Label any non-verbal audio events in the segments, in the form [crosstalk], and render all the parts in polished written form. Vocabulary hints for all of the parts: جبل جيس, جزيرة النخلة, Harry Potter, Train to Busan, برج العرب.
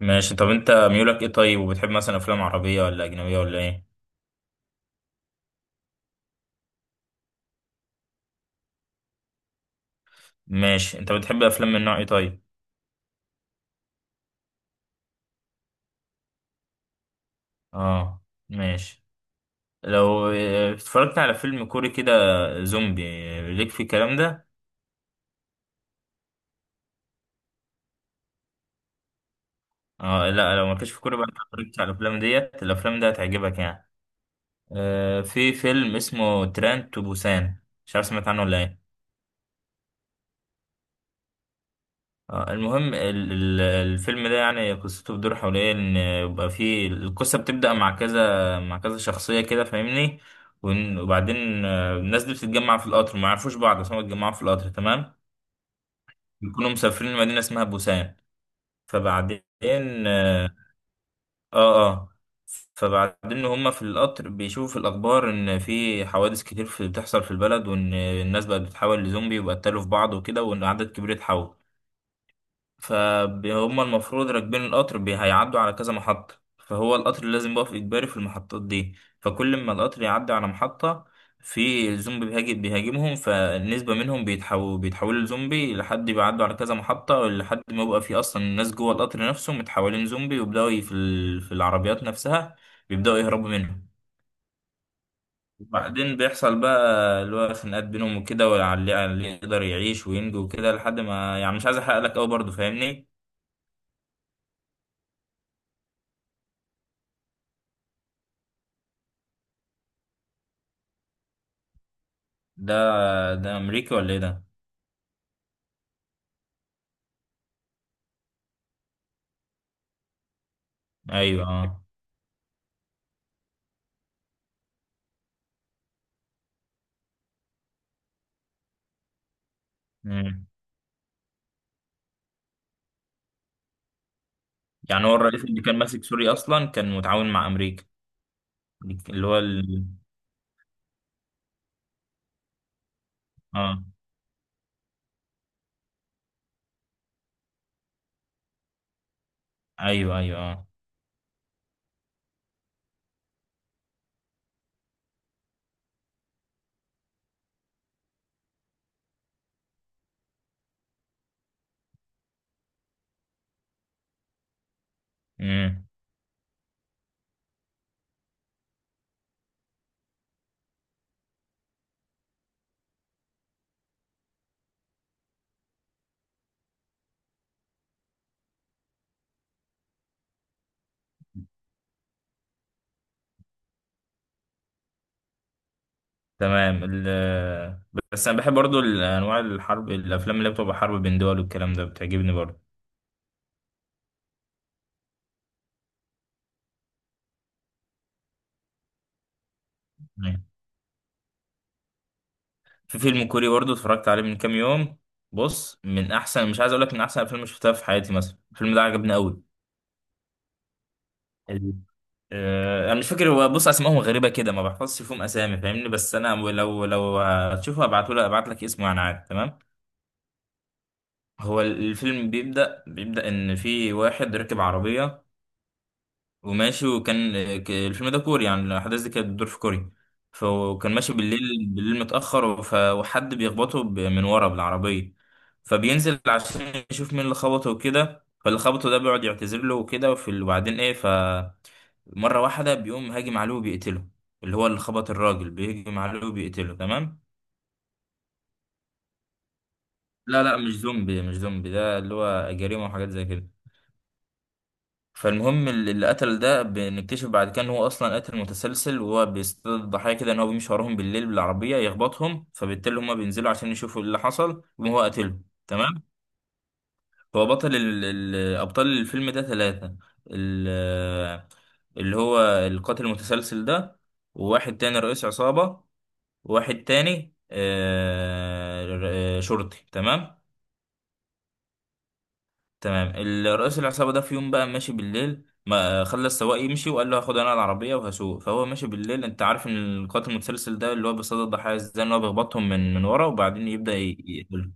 ماشي. طب انت ميولك ايه؟ طيب، وبتحب مثلا افلام عربية ولا اجنبية ولا ايه؟ ماشي، انت بتحب افلام من نوع ايه طيب؟ اه. ماشي. لو اتفرجت على فيلم كوري كده زومبي ليك في الكلام ده؟ اه لا، لو مالكش في كوري بقى انت اتفرجت على الافلام دي هتعجبك يعني. اه، في فيلم اسمه تران تو بوسان، مش عارف سمعت عنه ولا ايه؟ المهم الفيلم ده يعني قصته بتدور حول ايه، ان يبقى فيه القصه بتبدا مع كذا مع كذا شخصيه كده فاهمني. وبعدين الناس دي بتتجمع في القطر، ما يعرفوش بعض، بس هم بيتجمعوا في القطر تمام. بيكونوا مسافرين لمدينه اسمها بوسان. فبعدين. اه اه. آه. فبعدين هم في القطر بيشوفوا في الاخبار ان في حوادث كتير في بتحصل في البلد، وان الناس بقت بتتحول لزومبي وبقتلوا في بعض وكده، وان عدد كبير اتحول. فهم المفروض راكبين القطر، هيعدوا على كذا محطة، فهو القطر لازم يقف إجباري في المحطات دي. فكل ما القطر يعدي على محطة، في زومبي بيهاجمهم، فالنسبة منهم بيتحولوا لزومبي، لحد بيعدوا على كذا محطة، لحد ما يبقى في أصلا الناس جوه القطر نفسه متحولين زومبي، ويبدأوا في العربيات نفسها بيبدأوا يهربوا منهم. وبعدين بيحصل بقى اللي هو خناقات بينهم وكده، واللي اللي يقدر يعيش وينجو وكده، لحد ما، يعني مش عايز أحرق لك أوي برضه، فاهمني؟ ده، ده امريكي ولا ايه ده؟ ايوه اه. مم. يعني هو الرئيس اللي كان ماسك سوريا اصلا كان متعاون مع امريكا؟ اللي هو ال... اه، ايوه ايوه اه. مم. تمام ال... بس انا بحب برضو انواع الحرب، الافلام اللي بتبقى حرب بين دول والكلام ده بتعجبني برضو. مم. في فيلم كوري برضو اتفرجت عليه من كام يوم. بص، من احسن مش عايز اقول لك من احسن الافلام اللي شفتها في حياتي، مثلا الفيلم ده عجبني قوي. انا مش فاكر هو. بص، اسمائهم غريبه كده، ما بحفظش فيهم اسامي فاهمني. بس انا لو هتشوفه هبعته لك ابعت لك اسمه، يعني عادي، تمام. هو الفيلم بيبدا ان في واحد راكب عربيه وماشي، وكان الفيلم ده كوري، يعني الاحداث دي كانت بتدور في كوريا. فكان ماشي بالليل، بالليل متاخر، وحد بيخبطه من ورا بالعربيه. فبينزل عشان يشوف مين اللي خبطه وكده، فاللي خبطه ده بيقعد يعتذر له وكده، وفي- وبعدين ايه ف مرة واحدة بيقوم هاجم عليه وبيقتله. اللي هو اللي خبط الراجل بيهجم عليه وبيقتله، تمام. لا لا، مش زومبي، ده اللي هو جريمة وحاجات زي كده. فالمهم، اللي قتل ده بنكتشف بعد كده ان هو اصلا قاتل متسلسل، وهو بيصطاد الضحايا كده، ان هو بيمشي وراهم بالليل بالعربية يخبطهم، فبالتالي هما بينزلوا عشان يشوفوا إيه اللي حصل وهو قاتله. تمام. هو بطل ال... ال... ابطال الفيلم ده 3. ال... اللي هو القاتل المتسلسل ده، وواحد تاني رئيس عصابة، واحد تاني شرطي، تمام. تمام. رئيس العصابة ده في يوم بقى ماشي بالليل، ما خلى السواق يمشي وقال له هاخد انا العربية وهسوق. فهو ماشي بالليل، انت عارف ان القاتل المتسلسل ده اللي هو بيصطاد الضحايا ازاي، ان هو بيخبطهم من ورا، وبعدين يبدأ يقتلهم.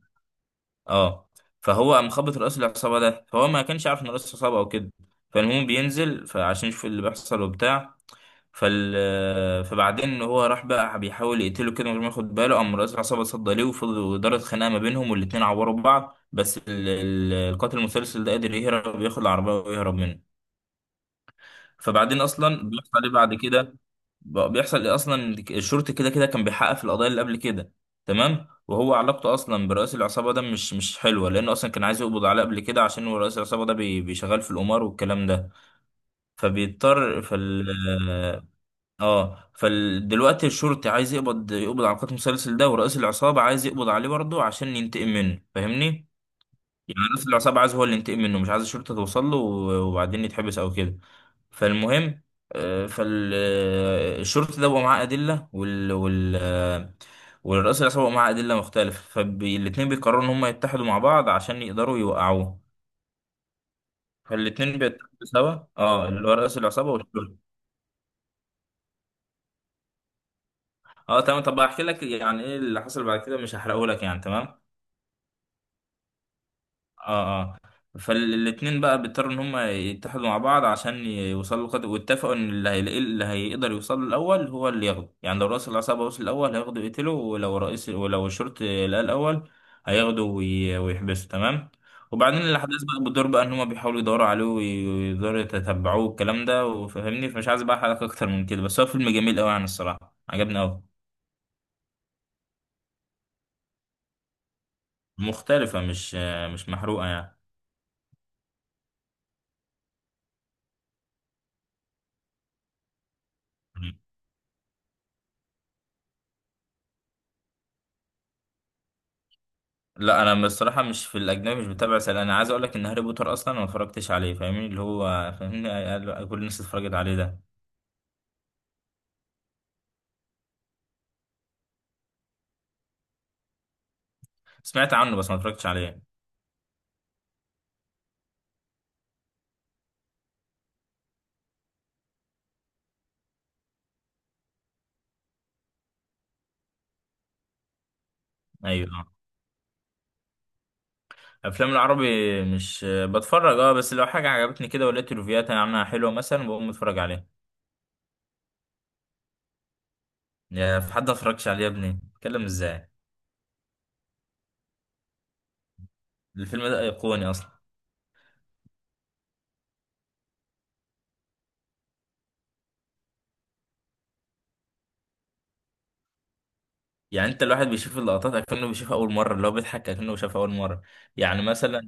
اه. فهو قام خبط رئيس العصابة ده، فهو ما كانش عارف ان رئيس العصابة او كده. فالمهم بينزل فعشان يشوف اللي بيحصل وبتاع. فال فبعدين هو راح بقى بيحاول يقتله كده من غير ما ياخد باله. قام رئيس العصابة اتصدى ليه، وفضلوا دارت خناقة ما بينهم، والاتنين عوروا بعض، القاتل المسلسل ده قادر يهرب ياخد العربية ويهرب منه. فبعدين أصلا بيحصل عليه بعد كده. بقى بيحصل إيه؟ أصلا الشرطي كده كده كان بيحقق في القضايا اللي قبل كده، تمام. وهو علاقته أصلا برئيس العصابة ده مش حلوة، لأنه أصلا كان عايز يقبض عليه قبل كده عشان هو رئيس العصابة ده بيشغل في القمار والكلام ده. فبيضطر فال... اه، فدلوقتي الشرطي عايز يقبض على قاتل المسلسل ده، ورئيس العصابة عايز يقبض عليه برضه عشان ينتقم منه، فاهمني؟ يعني رئيس العصابة عايز هو اللي ينتقم منه، مش عايز الشرطة توصل له وبعدين يتحبس أو كده. فالمهم، فالشرطي ده بقى معاه أدلة والرئيس العصابة بقى معاه أدلة مختلفة، فالاتنين بيقرروا إن هم يتحدوا مع بعض عشان يقدروا يوقعوه. فالاتنين بيتحدوا سوا، اه، اللي هو رئيس العصابة والشرطي. اه تمام. طب هحكي لك يعني ايه اللي حصل بعد كده، مش هحرقه لك يعني، تمام. اه اه. فالاتنين بقى بيضطروا ان هم يتحدوا مع بعض عشان يوصلوا لقدر، واتفقوا ان اللي هيلاقيه، اللي هيقدر يوصل له الاول هو اللي ياخده، يعني لو رئيس العصابة وصل الاول هياخده يقتله، ولو الشرطي لقاه الاول هياخده ويحبسه، تمام. وبعدين الاحداث بقى بتدور بقى ان هم بيحاولوا يدوروا عليه ويقدروا يتتبعوه، الكلام ده وفهمني. فمش عايز بقى حلقة اكتر من كده، بس هو فيلم جميل قوي يعني، الصراحة عجبني قوي. مختلفة، مش محروقة يعني. لا انا بصراحة مش في الاجنبي، مش بتابع سلسلة. انا عايز اقول لك ان هاري بوتر اصلا أنا ما اتفرجتش عليه، فاهمني، اللي هو، فاهمني، كل الناس اتفرجت عليه ده. سمعت عنه بس ما اتفرجتش عليه. ايوه آه. افلام العربي مش بتفرج، اه، بس لو حاجة عجبتني كده ولقيت ريفيوهات عنها حلوة، مثلا بقوم اتفرج عليها. يا في حد ما اتفرجش عليه يا ابني، اتكلم ازاي؟ الفيلم ده ايقوني اصلا. يعني انت الواحد بيشوف اللقطات اكنه بيشوفها اول مرة، اللي هو بيضحك اكنه شافها اول مرة. يعني مثلا،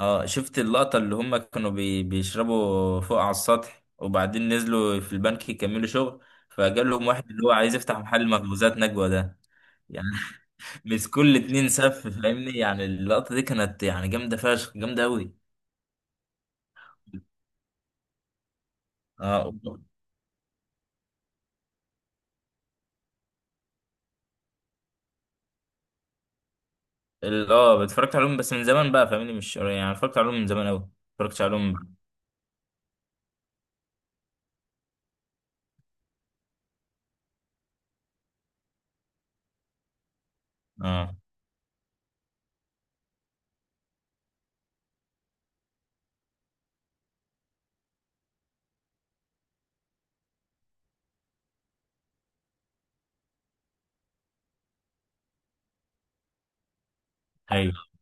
اه، شفت اللقطة اللي هم كانوا بيشربوا فوق على السطح، وبعدين نزلوا في البنك يكملوا شغل، فجال لهم واحد اللي هو عايز يفتح محل مخبوزات نجوى ده، يعني. [laughs] مسكوا الاتنين سف، فاهمني، يعني اللقطة دي كانت يعني جامدة فشخ، جامدة أوي. اه. اتفرجت عليهم بس من زمان بقى، فاهمني، مش قريب، يعني اتفرجت عليهم من زمان أوي. اتفرجتش عليهم. اه. ايوه.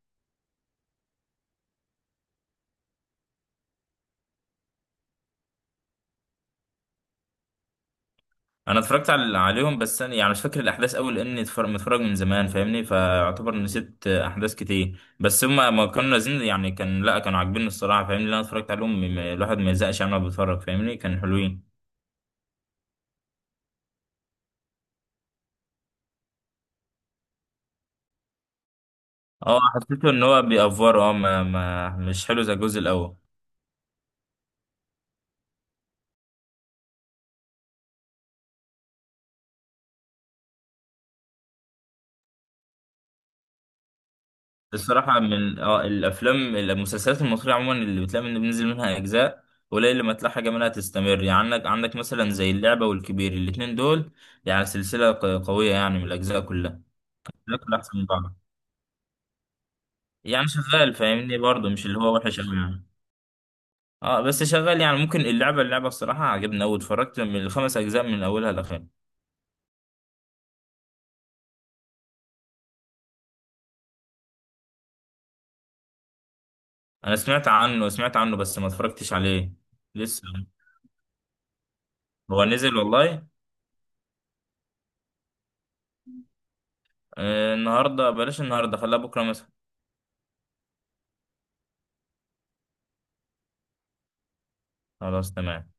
انا اتفرجت عليهم، بس انا يعني مش فاكر الاحداث قوي لاني متفرج من زمان فاهمني، فاعتبر نسيت احداث كتير، بس هم ما كانوا نازلين يعني، لا كانوا عاجبيني الصراحه، فاهمني، اللي انا اتفرجت عليهم الواحد ما يزهقش يعني وهو بيتفرج فاهمني، كان حلوين. اه، حسيته ان هو بيأفور، اه، ما مش حلو زي الجزء الاول. الصراحه، من اه الافلام، المسلسلات المصريه عموما اللي بتلاقي من بينزل منها اجزاء قليل لما تلاقي حاجه منها تستمر. يعني عندك مثلا زي اللعبه والكبير الاتنين دول، يعني سلسله قويه يعني من الاجزاء كلها. ياكل احسن من بعض يعني، شغال فاهمني، برضه مش اللي هو وحش قوي يعني. اه، بس شغال، يعني ممكن اللعبه الصراحه عجبني قوي، اتفرجت من الـ 5 أجزاء من اولها لاخرها. انا سمعت عنه بس ما اتفرجتش عليه. لسه. هو نزل والله؟ آه، النهارده بلاش، النهارده خليها بكره مثلا. خلاص تمام.